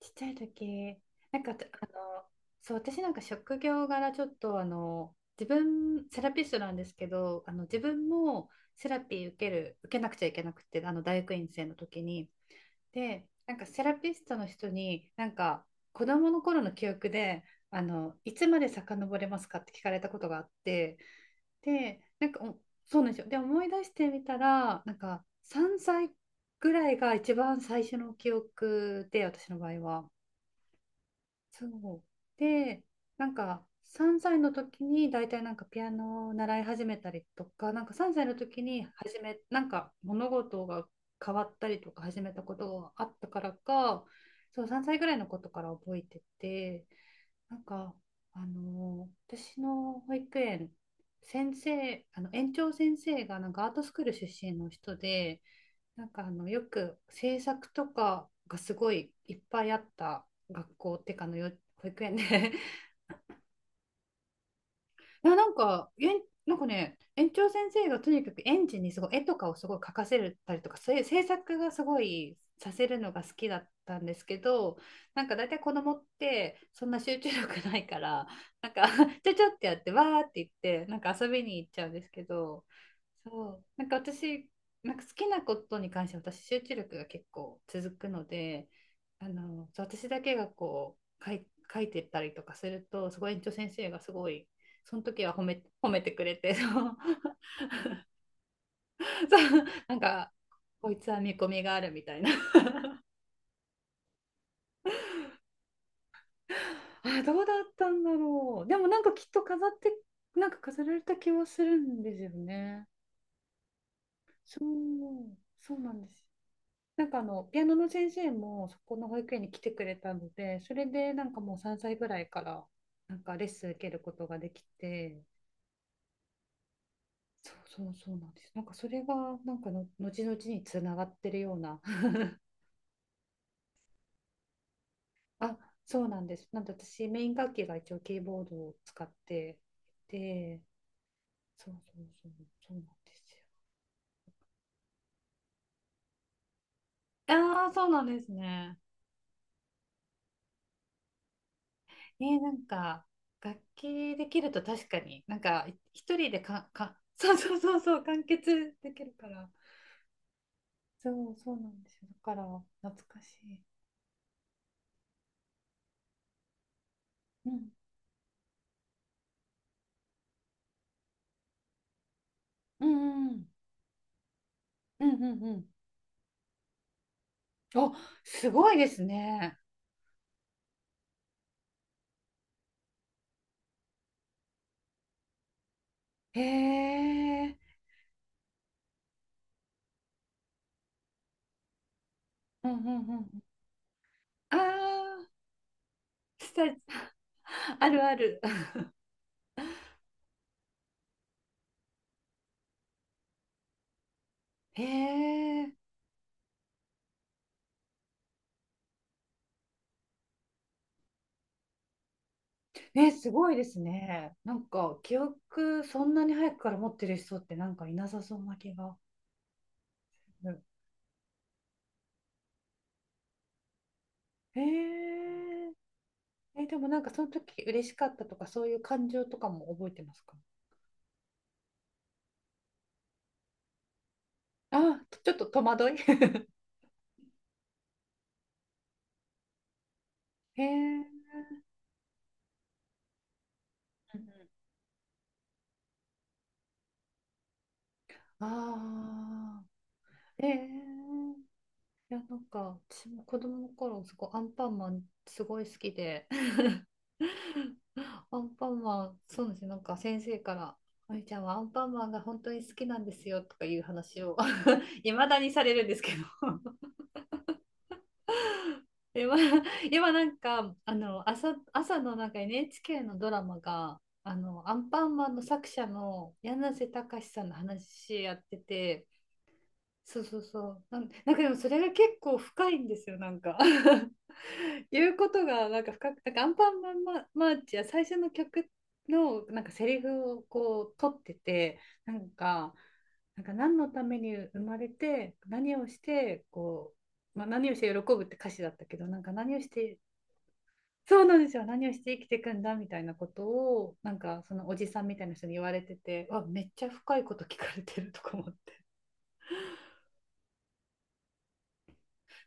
ちっちゃい時、なんかあの、そう、私なんか職業柄ちょっと自分、セラピストなんですけど、自分もセラピー受けなくちゃいけなくて、大学院生の時に。で、なんかセラピストの人に、なんか子供の頃の記憶で、いつまで遡れますかって聞かれたことがあって、で、なんかそうなんですよ。で、思い出してみたら、なんか3歳ぐらいが一番最初の記憶で、私の場合は。そう。で、なんか3歳の時に大体なんかピアノを習い始めたりとか、なんか3歳の時に始めなんか物事が変わったりとか始めたことがあったからか、そう、3歳ぐらいのことから覚えてて、なんか私の保育園先生、園長先生がなんかアートスクール出身の人で、なんかよく制作とかがすごいいっぱいあった学校ってかのよ、保育園で。いや、なんか、なんかね、園長先生がとにかく園児にすごい絵とかをすごい描かせたりとか、そういう制作がすごいさせるのが好きだったんですけど、なんか大体子供ってそんな集中力ないから、なんか ちょちょってやって、わーって言って、なんか遊びに行っちゃうんですけど、そう、なんか私、なんか好きなことに関して私、集中力が結構続くので、そう、私だけがこう、書いてたりとかすると、すごい園長先生がすごい、その時は褒めてくれて、そう。 そう、なんか、こいつは見込みがあるみたいな。 あ、どうだったんだろう。でもなんかきっと飾って、なんか飾られた気はするんですよね。そうそうなんです。なんかピアノの先生もそこの保育園に来てくれたので、それでなんかもう3歳ぐらいからなんかレッスン受けることができて、そうそうそうなんです。なんかそれがなんかの後々につながってるような。あ、そうなんです。なんで私、メイン楽器が一応キーボードを使ってて、そうそうそう、そうなんですよ。ああ、そうなんですね。なんか、楽器できると確かに、なんか、一人でそうそうそうそう、完結できるから。そう、そうなんですよ。だから、懐かしい。うん、うん、うん、うん、うんうんうん。お、すごいですね。へえ、うん、うん、うん。ああ。さあるある。へえ、え、すごいですね。なんか記憶そんなに早くから持ってる人ってなんかいなさそうな気が。うん。へえ、え、でもなんかその時嬉しかったとかそういう感情とかも覚えてますか？あ、ちょっと戸惑い。 へえ、うんうん、ああー、へえ。いや、なんか、私も子供の頃、すごいアンパンマンすごい好きで、アンパンマン、そうなんですよ、なんか先生から、あゆちゃんはアンパンマンが本当に好きなんですよとかいう話を いまだにされるんですけど。 今、今なんか、朝のなんか NHK のドラマが、アンパンマンの作者の柳瀬隆さんの話やってて、そうそうそう。なんかでもそれが結構深いんですよ、なんか。言うことがなんか深く、なんかアンパンマンママーチや最初の曲のなんかセリフをこう取ってて、なんか、なんか何のために生まれて、何をして、こう、まあ、何をして喜ぶって歌詞だったけど、なんか何をして、そうなんですよ、何をして生きていくんだみたいなことを、なんかそのおじさんみたいな人に言われてて、わめっちゃ深いこと聞かれてるとか思って。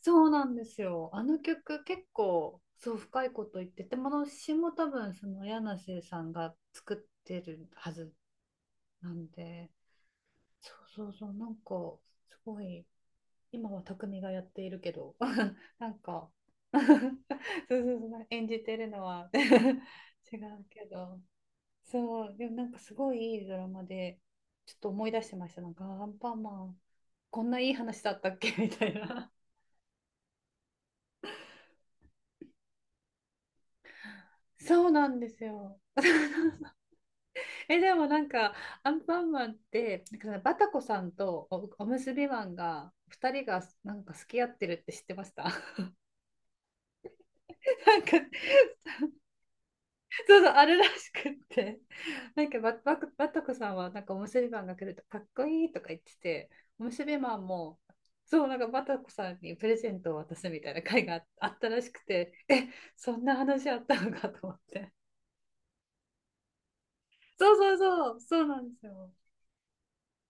そうなんですよ。あの曲結構そう深いこと言ってて、もの詞も多分その柳瀬さんが作ってるはずなんで、そうそうそう、なんかすごい、今は匠がやっているけど、なんか。 そうそうそう、演じてるのは 違うけど、そう、でもなんかすごいいいドラマで、ちょっと思い出してました。なんかアンパンマン、こんないい話だったっけ みたいな。そうなんですよ。え、でもなんか、アンパンマンって、なんかバタコさんとおむすびマンが、二人がなんか好き合ってるって知ってました？ なんか、そうそう、あるらしくって。なんかバタコさんは、なんかおむすびマンが来ると、かっこいいとか言ってて、おむすびマンも、そう、なんかバタコさんにプレゼントを渡すみたいな会がああったらしくて、え、そんな話あったのかと思って。そうそうそう、そうなんですよ。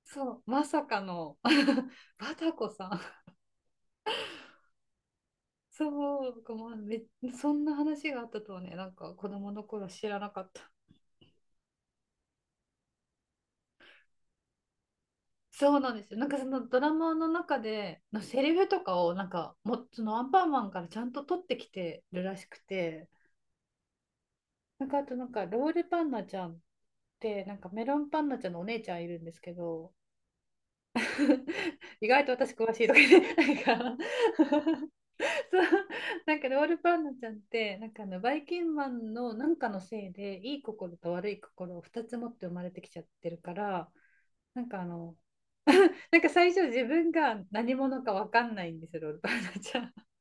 そう、まさかの バタコさん。そう、まあ、そんな話があったとはね、なんか子供の頃知らなかった。そうなんですよ。なんかそのドラマの中でのセリフとかをなんかもそのアンパンマンからちゃんと取ってきてるらしくて、なんかあと、なんかロールパンナちゃんってなんかメロンパンナちゃんのお姉ちゃんいるんですけど、意外と私詳しいとかね、なんかそう。 なんかロールパンナちゃんってなんかバイキンマンのなんかのせいで、いい心と悪い心を二つ持って生まれてきちゃってるから、なんかなんか最初自分が何者か分かんないんですよ、オールパンナちゃん。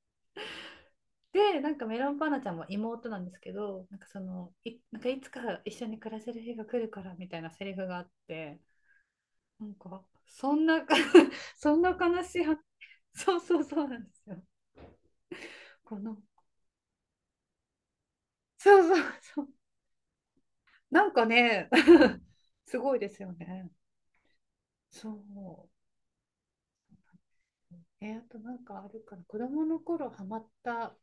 で、なんかメロンパンナちゃんも妹なんですけど、なんかそのなんかいつか一緒に暮らせる日が来るからみたいなセリフがあって、なんかそんな。 そんな悲しいは。 そうそうそうなんですよ。この。そうそうそう、なんかね。すごいですよね。そう。え、あとなんかあるかな。子供の頃ハマった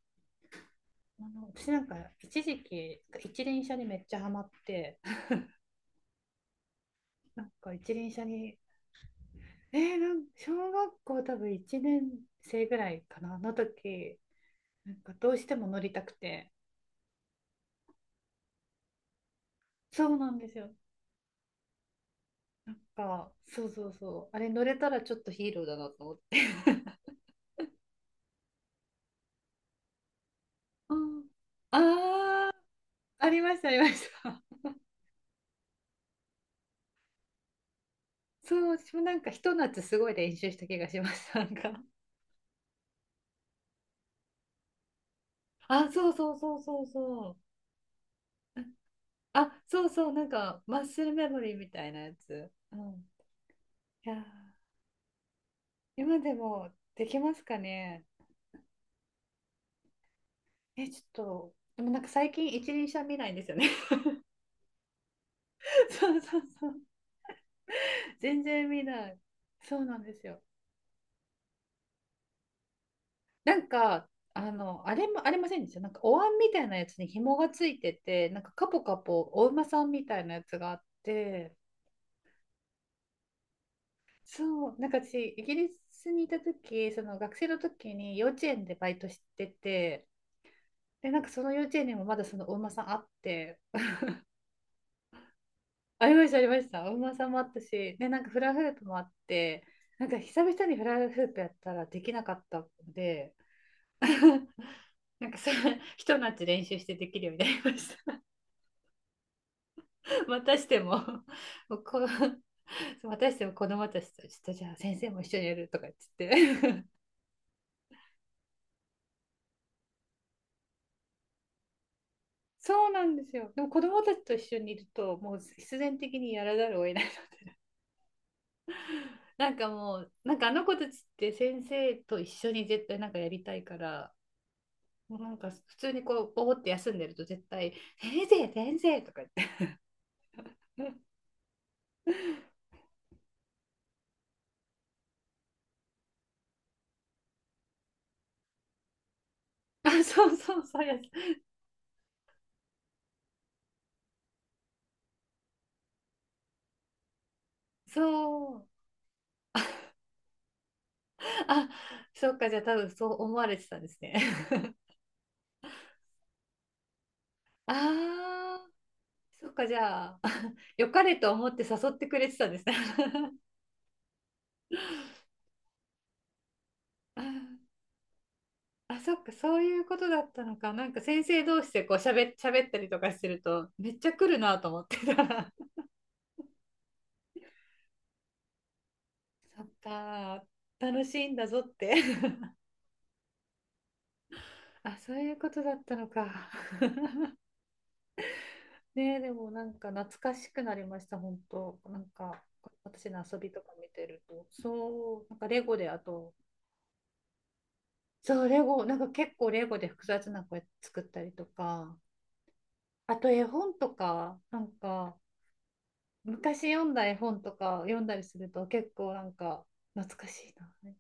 もの、私なんか一時期一輪車にめっちゃハマって、なんか一輪車に。えーなん小学校多分1年生ぐらいかな、の時、なんかどうしても乗りたくて。そうなんですよ。なんか、そうそうそう。あれ乗れたらちょっとヒーローだなと思って。うん、ああ、ありました、ありました。そう、私もなんかひと夏すごい練習した気がします。なんか、あ、そうそうそうそうそう。あ、そうそう、なんかマッスルメモリーみたいなやつ。うん。いやー、今でもできますかね？え、ちょっと、でもなんか最近一輪車見ないんですよね。そうそうそう。全然見ない。そうなんですよ。なんか、あれも、ありませんでした。なんかお椀みたいなやつに紐がついてて、なんかカポカポお馬さんみたいなやつがあって、そう、なんか私、イギリスにいた時、その学生の時に幼稚園でバイトしてて、で、なんかその幼稚園にもまだそのお馬さんあって、ありました、ありました。お馬さんもあったし、で、なんかフラフープもあって、なんか久々にフラフープやったらできなかったので、なんかそれ、ひと夏練習してできるようになりました。またしても、もうこ、またしても子供たちと、ちょっとじゃあ先生も一緒にやるとか言って。そうなんですよ。でも子供たちと一緒にいると、もう必然的にやらざるを得ない。なんかもう、なんかあの子たちって先生と一緒に絶対なんかやりたいから、もうなんか普通にこう、ぼーって休んでると絶対、先生、先生とか言って。あ、そうそうそうや、そう。あ、そっか、じゃあ多分そう思われてたんですね。ああ、そっか、じゃあ、良かれと思って誘ってくれてたんですね。あーあ、そっか、そういうことだったのか。なんか先生同士でこう喋ったりとかしてると、めっちゃ来るなと思ってた。そっか、楽しいんだぞって。あ、そういうことだったのか。ねえ、でもなんか懐かしくなりました、本当。なんか私の遊びとか見てると、そう、なんかレゴで、あと、そう、レゴ、なんか結構レゴで複雑な声作ったりとか、あと絵本とか、なんか昔読んだ絵本とか読んだりすると結構なんか懐かしいな。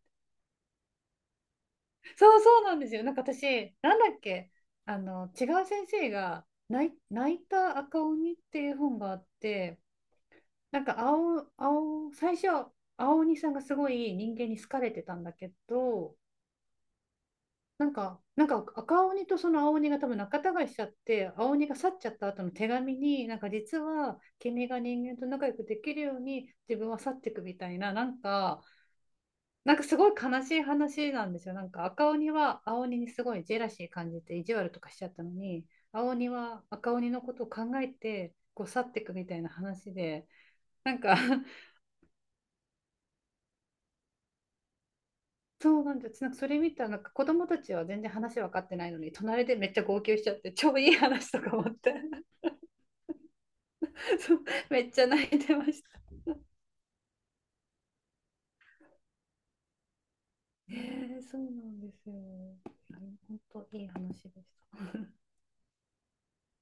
そうそうなんですよ。なんか私、なんだっけ、違う先生が泣いた赤鬼っていう本があって、なんか最初、青鬼さんがすごい人間に好かれてたんだけど、なんか、なんか赤鬼とその青鬼が多分仲違いしちゃって、青鬼が去っちゃった後の手紙に、なんか実は君が人間と仲良くできるように自分は去っていくみたいな、なんか、なんかすごい悲しい話なんですよ。なんか赤鬼は青鬼にすごいジェラシー感じて意地悪とかしちゃったのに、青鬼は赤鬼のことを考えてこう去っていくみたいな話で、なんか。 そうなんです。なんかそれ見たらなんか子供たちは全然話分かってないのに、隣でめっちゃ号泣しちゃって、超いい話とか思って。 そう、めっちゃ泣いてました。えそうなんですよ。本当いい話でした。